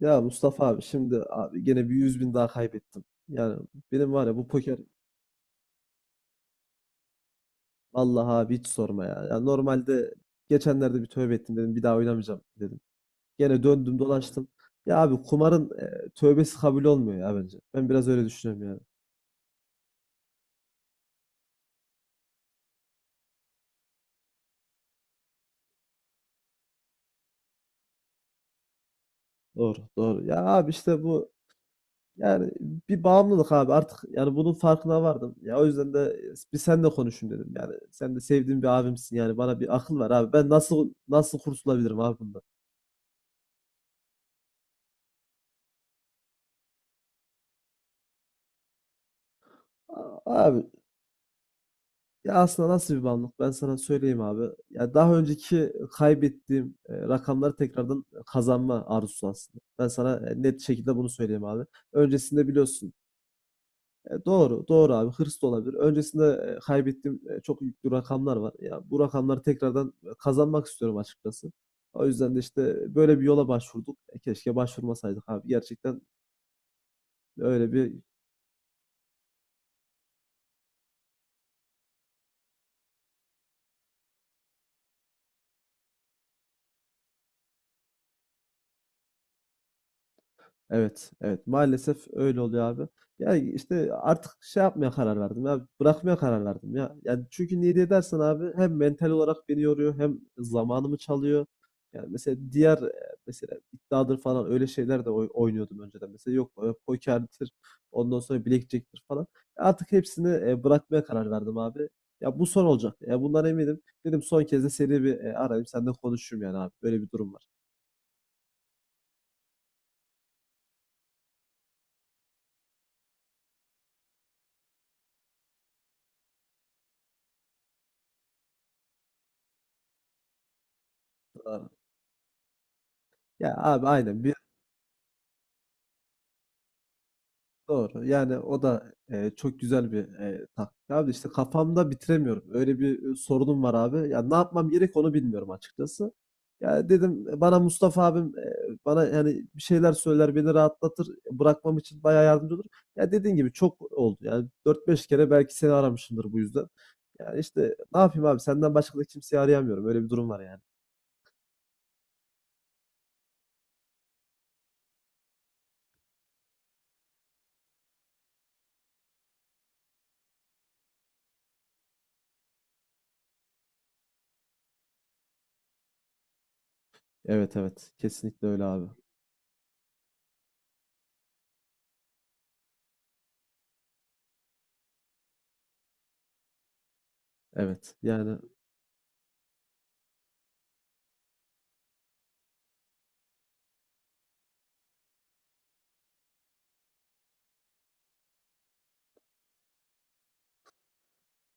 Ya Mustafa abi, şimdi abi gene bir 100.000 daha kaybettim. Yani benim var ya, bu poker. Allah abi, hiç sorma ya. Ya normalde geçenlerde bir tövbe ettim, dedim bir daha oynamayacağım dedim. Gene döndüm dolaştım. Ya abi kumarın tövbesi kabul olmuyor ya bence. Ben biraz öyle düşünüyorum yani. Doğru doğru. Ya abi işte bu, yani bir bağımlılık abi artık, yani bunun farkına vardım. Ya o yüzden de bir senle konuşayım dedim. Yani sen de sevdiğim bir abimsin, yani bana bir akıl ver abi. Ben nasıl kurtulabilirim abi bundan? Abi. Ya aslında nasıl bir bağımlılık? Ben sana söyleyeyim abi. Ya daha önceki kaybettiğim rakamları tekrardan kazanma arzusu aslında. Ben sana net şekilde bunu söyleyeyim abi. Öncesinde biliyorsun. Doğru, doğru abi. Hırs da olabilir. Öncesinde kaybettiğim çok yüklü rakamlar var. Ya bu rakamları tekrardan kazanmak istiyorum açıkçası. O yüzden de işte böyle bir yola başvurduk. Keşke başvurmasaydık abi. Gerçekten öyle bir. Evet, evet. Maalesef öyle oluyor abi. Ya işte artık şey yapmaya karar verdim ya. Bırakmaya karar verdim ya. Yani çünkü niye diye dersen abi, hem mental olarak beni yoruyor, hem zamanımı çalıyor. Yani mesela diğer mesela iddiadır falan öyle şeyler de oynuyordum önceden. Mesela yok pokerdir, ondan sonra blackjack'tir falan. Artık hepsini bırakmaya karar verdim abi. Ya bu son olacak. Ya bundan eminim. Dedim son kez de seni bir arayayım, senden konuşayım yani abi. Böyle bir durum var. Abi, ya abi aynen. Doğru. Yani o da, çok güzel bir, taktik abi. İşte kafamda bitiremiyorum. Öyle bir, sorunum var abi. Ya, ne yapmam gerek onu bilmiyorum açıkçası. Ya, dedim, bana Mustafa abim, bana, yani, bir şeyler söyler, beni rahatlatır, bırakmam için bayağı yardımcı olur. Ya, dediğin gibi çok oldu. Yani, 4-5 kere belki seni aramışımdır bu yüzden. Yani, işte, ne yapayım abi? Senden başka da kimseyi arayamıyorum. Öyle bir durum var yani. Evet, evet. Kesinlikle öyle abi. Evet. Yani.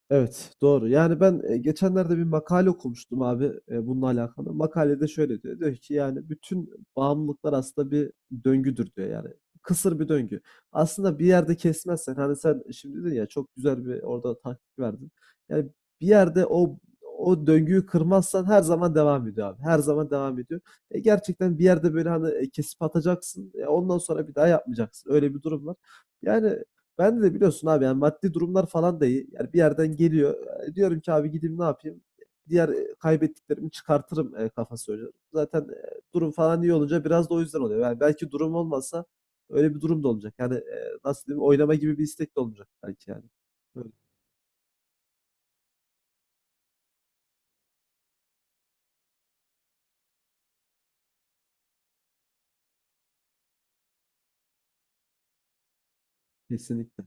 Evet, doğru. Yani ben geçenlerde bir makale okumuştum abi bununla alakalı. Makalede şöyle diyor. Diyor ki yani bütün bağımlılıklar aslında bir döngüdür diyor yani. Kısır bir döngü. Aslında bir yerde kesmezsen hani sen şimdi dedin ya, çok güzel bir orada taktik verdin. Yani bir yerde o döngüyü kırmazsan her zaman devam ediyor abi. Her zaman devam ediyor. Gerçekten bir yerde böyle hani kesip atacaksın. Ondan sonra bir daha yapmayacaksın. Öyle bir durum var. Yani ben de biliyorsun abi, yani maddi durumlar falan da iyi. Yani bir yerden geliyor. Diyorum ki abi gideyim ne yapayım? Diğer kaybettiklerimi çıkartırım kafası oynuyor. Zaten durum falan iyi olunca biraz da o yüzden oluyor. Yani belki durum olmasa öyle bir durum da olacak. Yani nasıl diyeyim, oynama gibi bir istek de olmayacak belki yani. Öyle. Kesinlikle.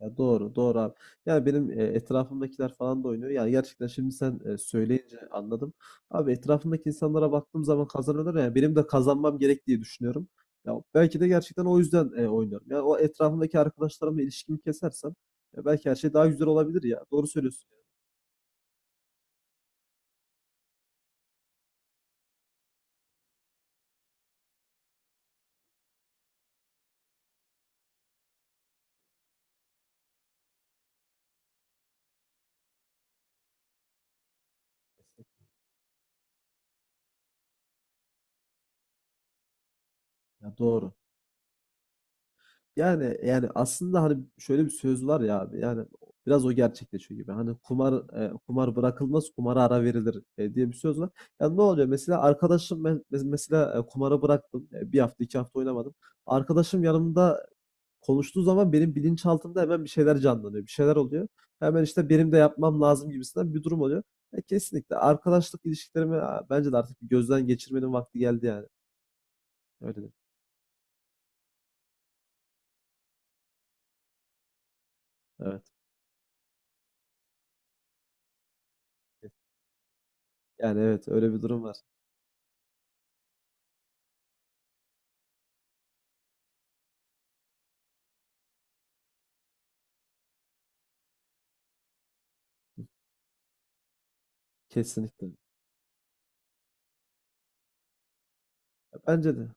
Ya doğru, doğru abi. Yani benim etrafımdakiler falan da oynuyor. Yani gerçekten şimdi sen söyleyince anladım. Abi etrafımdaki insanlara baktığım zaman kazanıyorlar ya. Benim de kazanmam gerek diye düşünüyorum. Ya belki de gerçekten o yüzden oynuyorum. Yani o etrafımdaki arkadaşlarımla ilişkimi kesersem ya belki her şey daha güzel olabilir ya. Doğru söylüyorsun. Ya doğru. Yani aslında hani şöyle bir söz var ya abi, yani biraz o gerçekleşiyor gibi. Hani kumar kumar bırakılmaz, kumara ara verilir diye bir söz var. Yani ne oluyor mesela arkadaşım, ben mesela kumarı bıraktım. E, bir hafta 2 hafta oynamadım. Arkadaşım yanımda konuştuğu zaman benim bilinçaltımda hemen bir şeyler canlanıyor, bir şeyler oluyor. Hemen işte benim de yapmam lazım gibisinden bir durum oluyor. Kesinlikle arkadaşlık ilişkilerimi bence de artık bir gözden geçirmenin vakti geldi yani. Öyle, değil mi? Evet. Yani evet, öyle bir durum var. Kesinlikle. Bence de.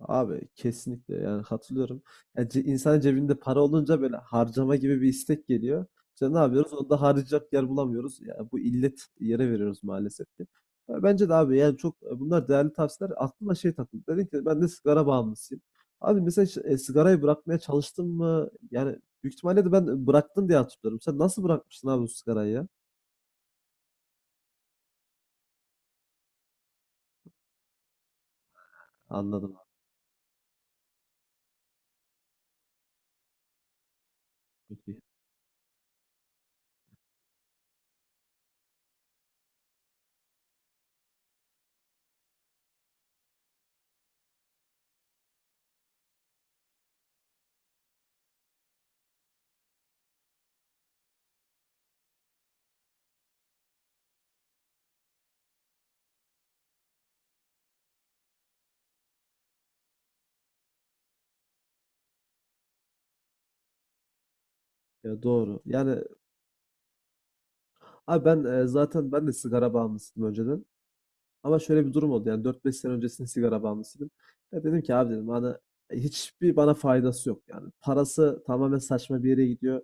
Abi kesinlikle, yani katılıyorum. Yani insan cebinde para olunca böyle harcama gibi bir istek geliyor. İşte ne yapıyoruz? Onu da harcayacak yer bulamıyoruz. Yani bu illet yere veriyoruz maalesef ki. Ya bence de abi, yani çok bunlar değerli tavsiyeler. Aklıma şey takıldı. Dedin ki ben de sigara bağımlısıyım. Abi mesela hiç, sigarayı bırakmaya çalıştın mı? Yani büyük ihtimalle de ben bıraktım diye hatırlıyorum. Sen nasıl bırakmıştın abi bu sigarayı ya? Anladım abi. Çok iyi. Ya doğru. Yani abi ben zaten ben de sigara bağımlısıydım önceden. Ama şöyle bir durum oldu, yani 4-5 sene öncesinde sigara bağımlısıydım. Ya dedim ki abi, dedim bana hiçbir bana faydası yok yani. Parası tamamen saçma bir yere gidiyor.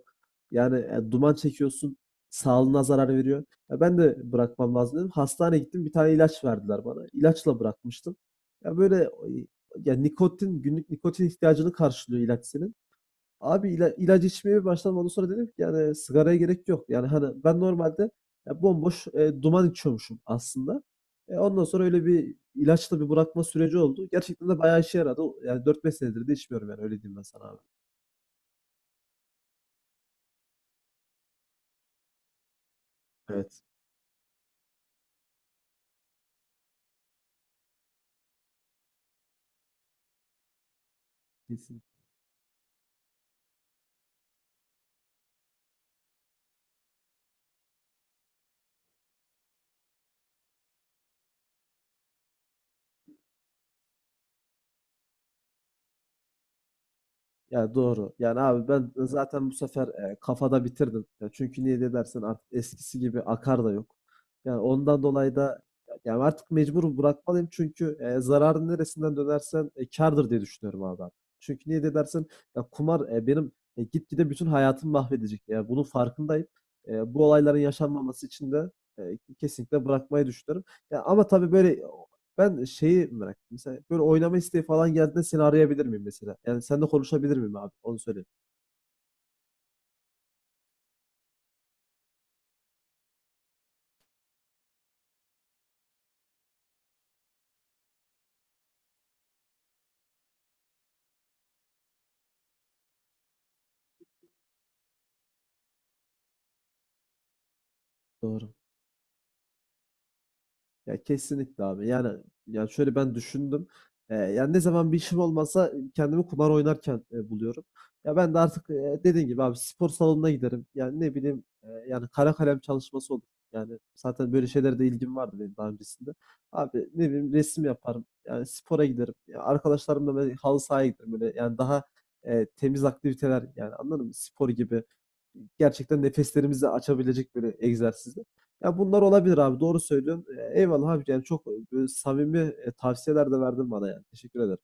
Yani duman çekiyorsun, sağlığına zarar veriyor. Ya ben de bırakmam lazım dedim. Hastaneye gittim, bir tane ilaç verdiler bana. İlaçla bırakmıştım. Ya böyle ya nikotin, günlük nikotin ihtiyacını karşılıyor ilaç senin. Abi ilaç içmeye başlamadan sonra dedim ki yani sigaraya gerek yok. Yani hani ben normalde ya bomboş duman içiyormuşum aslında. Ondan sonra öyle bir ilaçla bir bırakma süreci oldu. Gerçekten de bayağı işe yaradı. Yani 4-5 senedir de içmiyorum, yani öyle diyeyim ben sana abi. Evet. Kesin. Ya doğru. Yani abi ben zaten bu sefer kafada bitirdim. Ya çünkü niye de dersen artık eskisi gibi akar da yok. Yani ondan dolayı da yani artık mecbur bırakmalıyım çünkü zararın neresinden dönersen kârdır diye düşünüyorum abi, ben. Çünkü niye de dersen ya kumar benim gitgide bütün hayatımı mahvedecek. Yani bunun farkındayım. Bu olayların yaşanmaması için de kesinlikle bırakmayı düşünüyorum. Ya ama tabii böyle ben şeyi merak ettim. Mesela böyle oynama isteği falan geldiğinde seni arayabilir miyim mesela? Yani seninle konuşabilir miyim abi? Onu söyleyeyim. Doğru. Ya kesinlikle abi. Yani şöyle ben düşündüm. Yani ne zaman bir işim olmasa kendimi kumar oynarken buluyorum. Ya ben de artık dediğin gibi abi spor salonuna giderim. Yani ne bileyim yani kara kalem çalışması olur. Yani zaten böyle şeylere de ilgim vardı benim daha öncesinde. Abi ne bileyim, resim yaparım. Yani spora giderim. Ya arkadaşlarımla böyle halı sahaya giderim. Böyle yani daha temiz aktiviteler, yani anladın mı? Spor gibi gerçekten nefeslerimizi açabilecek böyle egzersizler. Ya bunlar olabilir abi, doğru söylüyorsun. Eyvallah abi, yani çok böyle samimi tavsiyeler de verdin bana yani. Teşekkür ederim.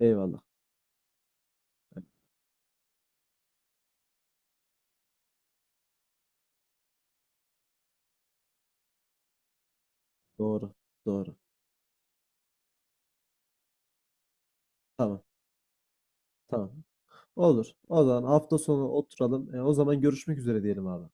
Eyvallah. Evet, doğru. Doğru. Tamam. Tamam. Olur. O zaman hafta sonu oturalım. O zaman görüşmek üzere diyelim abi.